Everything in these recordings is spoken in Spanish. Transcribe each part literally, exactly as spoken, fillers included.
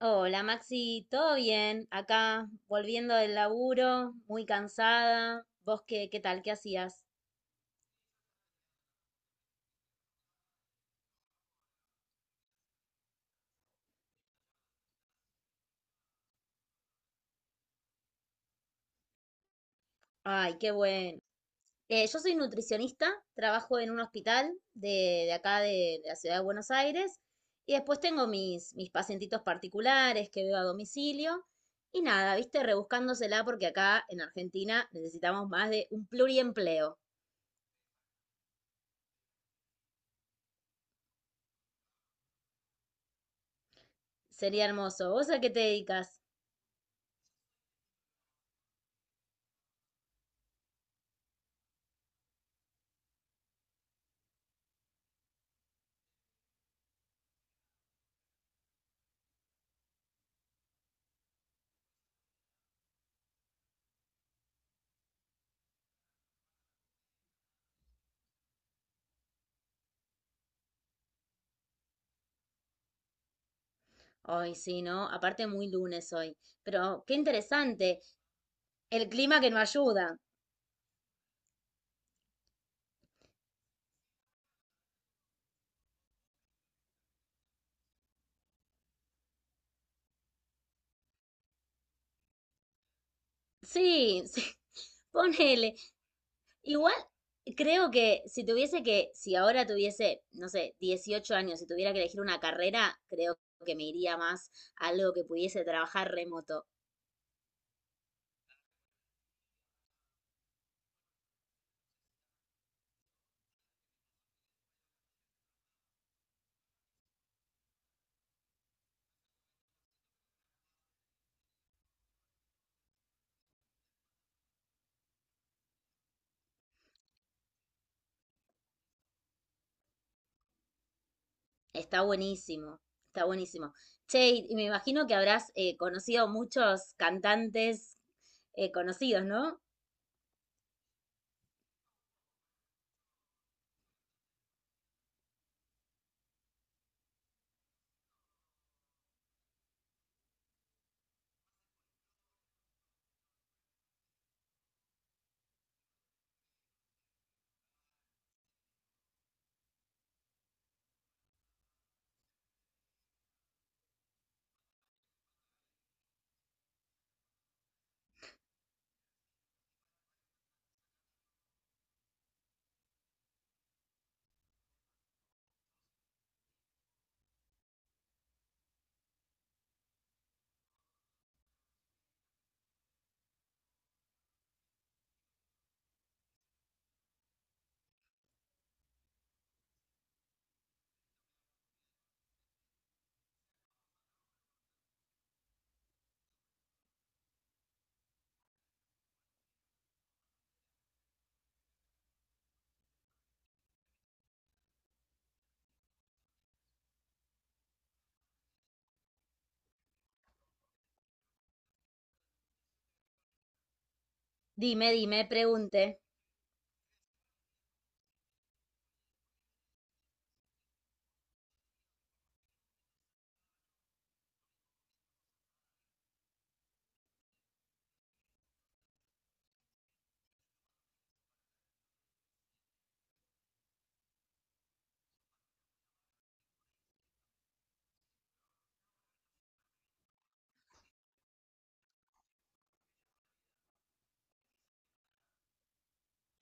Hola Maxi, ¿todo bien? Acá volviendo del laburo, muy cansada. ¿Vos qué, qué tal? ¿Qué hacías? Ay, qué bueno. Eh, yo soy nutricionista, trabajo en un hospital de, de acá de, de la ciudad de Buenos Aires y después tengo mis, mis pacientitos particulares que veo a domicilio y nada, viste, rebuscándosela porque acá en Argentina necesitamos más de un pluriempleo. Sería hermoso. ¿Vos a qué te dedicas? Ay, sí, ¿no? Aparte muy lunes hoy. Pero qué interesante. El clima que no ayuda. Sí, sí. Ponele. Igual creo que si tuviese que, si ahora tuviese, no sé, dieciocho años y tuviera que elegir una carrera, creo que me iría más a algo que pudiese trabajar remoto. Está buenísimo, está buenísimo. Che, y me imagino que habrás eh, conocido muchos cantantes eh, conocidos, ¿no? Dime, dime, pregunte.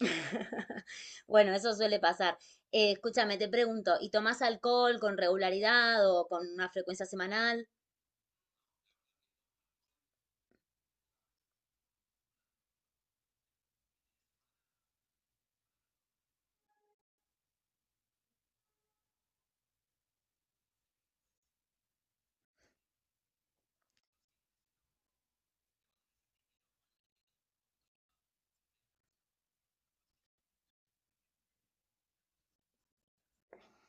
Bueno, eso suele pasar. Eh, escúchame, te pregunto, ¿y tomás alcohol con regularidad o con una frecuencia semanal?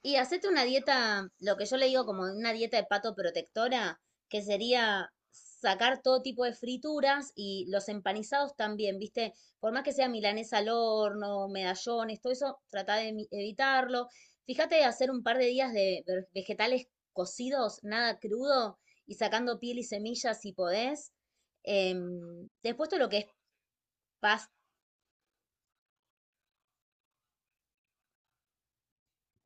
Y hacete una dieta, lo que yo le digo como una dieta de pato protectora, que sería sacar todo tipo de frituras y los empanizados también, ¿viste? Por más que sea milanesa al horno, medallones, todo eso, trata de evitarlo. Fíjate de hacer un par de días de vegetales cocidos, nada crudo, y sacando piel y semillas si podés. Em, después todo lo que es pastas.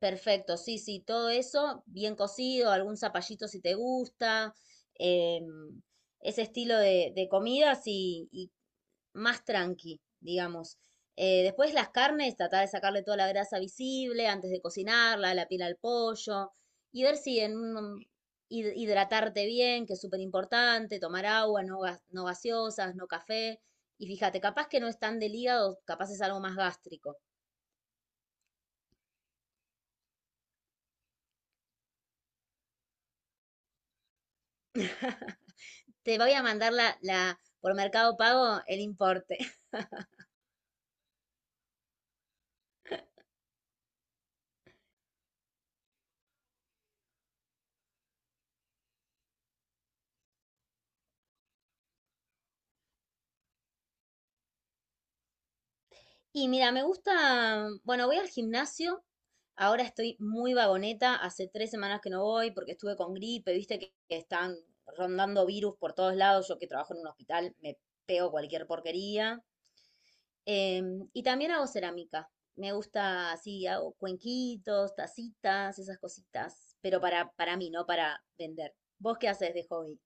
Perfecto, sí, sí, todo eso bien cocido, algún zapallito si te gusta, em, ese estilo de, de comidas y, y más tranqui, digamos. Eh, después las carnes, tratar de sacarle toda la grasa visible antes de cocinarla, la piel al pollo y ver si en un- hid- hidratarte bien, que es súper importante, tomar agua, no, gas- no gaseosas, no café. Y fíjate, capaz que no es tan del hígado, capaz es algo más gástrico. Te voy a mandar la, la- por Mercado Pago el importe. Y mira, me gusta, bueno, voy al gimnasio. Ahora estoy muy vagoneta. Hace tres semanas que no voy porque estuve con gripe, viste que están rondando virus por todos lados. Yo que trabajo en un hospital me pego cualquier porquería. Em, y también hago cerámica. Me gusta así, hago cuenquitos, tacitas, esas cositas. Pero para, para mí, no para vender. ¿Vos qué haces de hobby?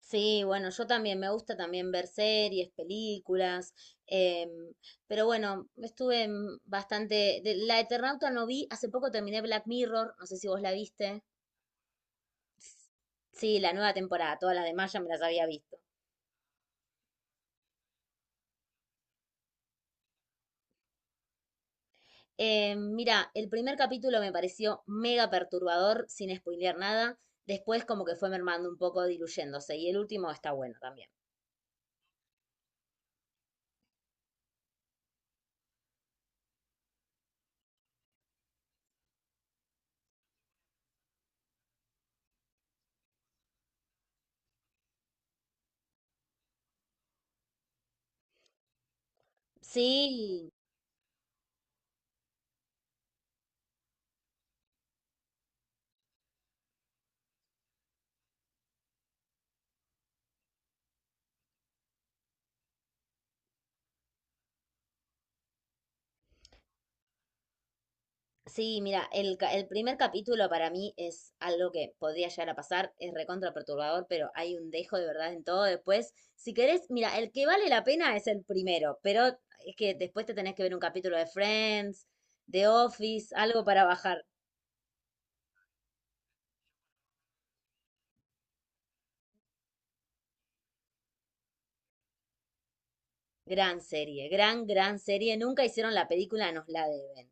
Sí, bueno, yo también me gusta también ver series, películas, em, pero bueno, estuve en bastante... de- la Eternauta no vi, hace poco terminé Black Mirror, no sé si vos la viste. Sí, la nueva temporada, todas las demás ya me las había visto. Eh, mira, el primer capítulo me pareció mega perturbador, sin spoilear nada. Después como que fue mermando un poco, diluyéndose. Y el último está bueno también. Sí, sí, mira, el, ca- el primer capítulo para mí es algo que podría llegar a pasar, es recontra perturbador, pero hay un dejo de verdad en todo después. Si querés, mira, el que vale la pena es el primero, pero es que después te tenés que ver un capítulo de Friends, de Office, algo para bajar. Gran serie, gran, gran serie. Nunca hicieron la película, nos la deben.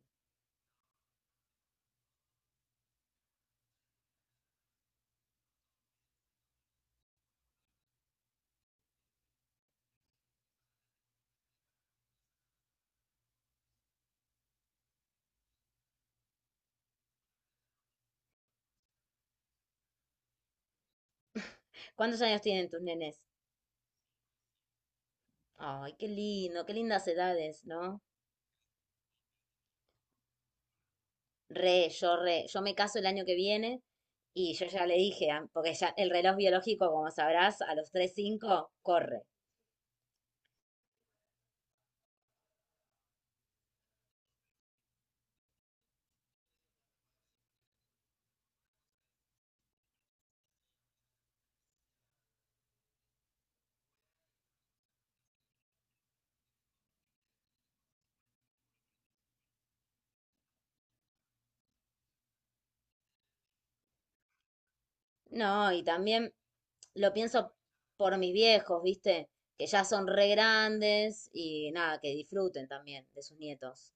¿Cuántos años tienen tus nenes? Ay, qué lindo, qué lindas edades, ¿no? Re, yo re, yo me caso el año que viene y yo ya le dije, a- porque ya el reloj biológico, como sabrás, a los treinta y cinco corre. No, y también lo pienso por mis viejos, ¿viste? Que ya son re grandes y nada, que disfruten también de sus nietos.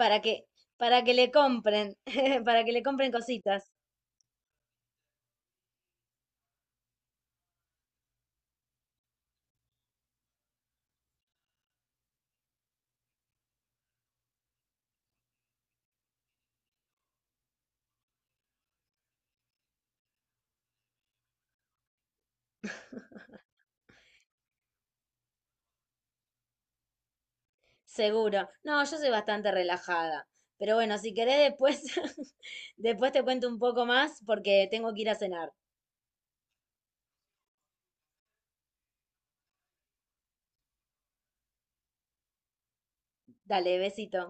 Para que, para que le compren, para que le compren cositas, seguro. No, yo soy bastante relajada. Pero bueno, si querés después, después te cuento un poco más porque tengo que ir a cenar. Dale, besito.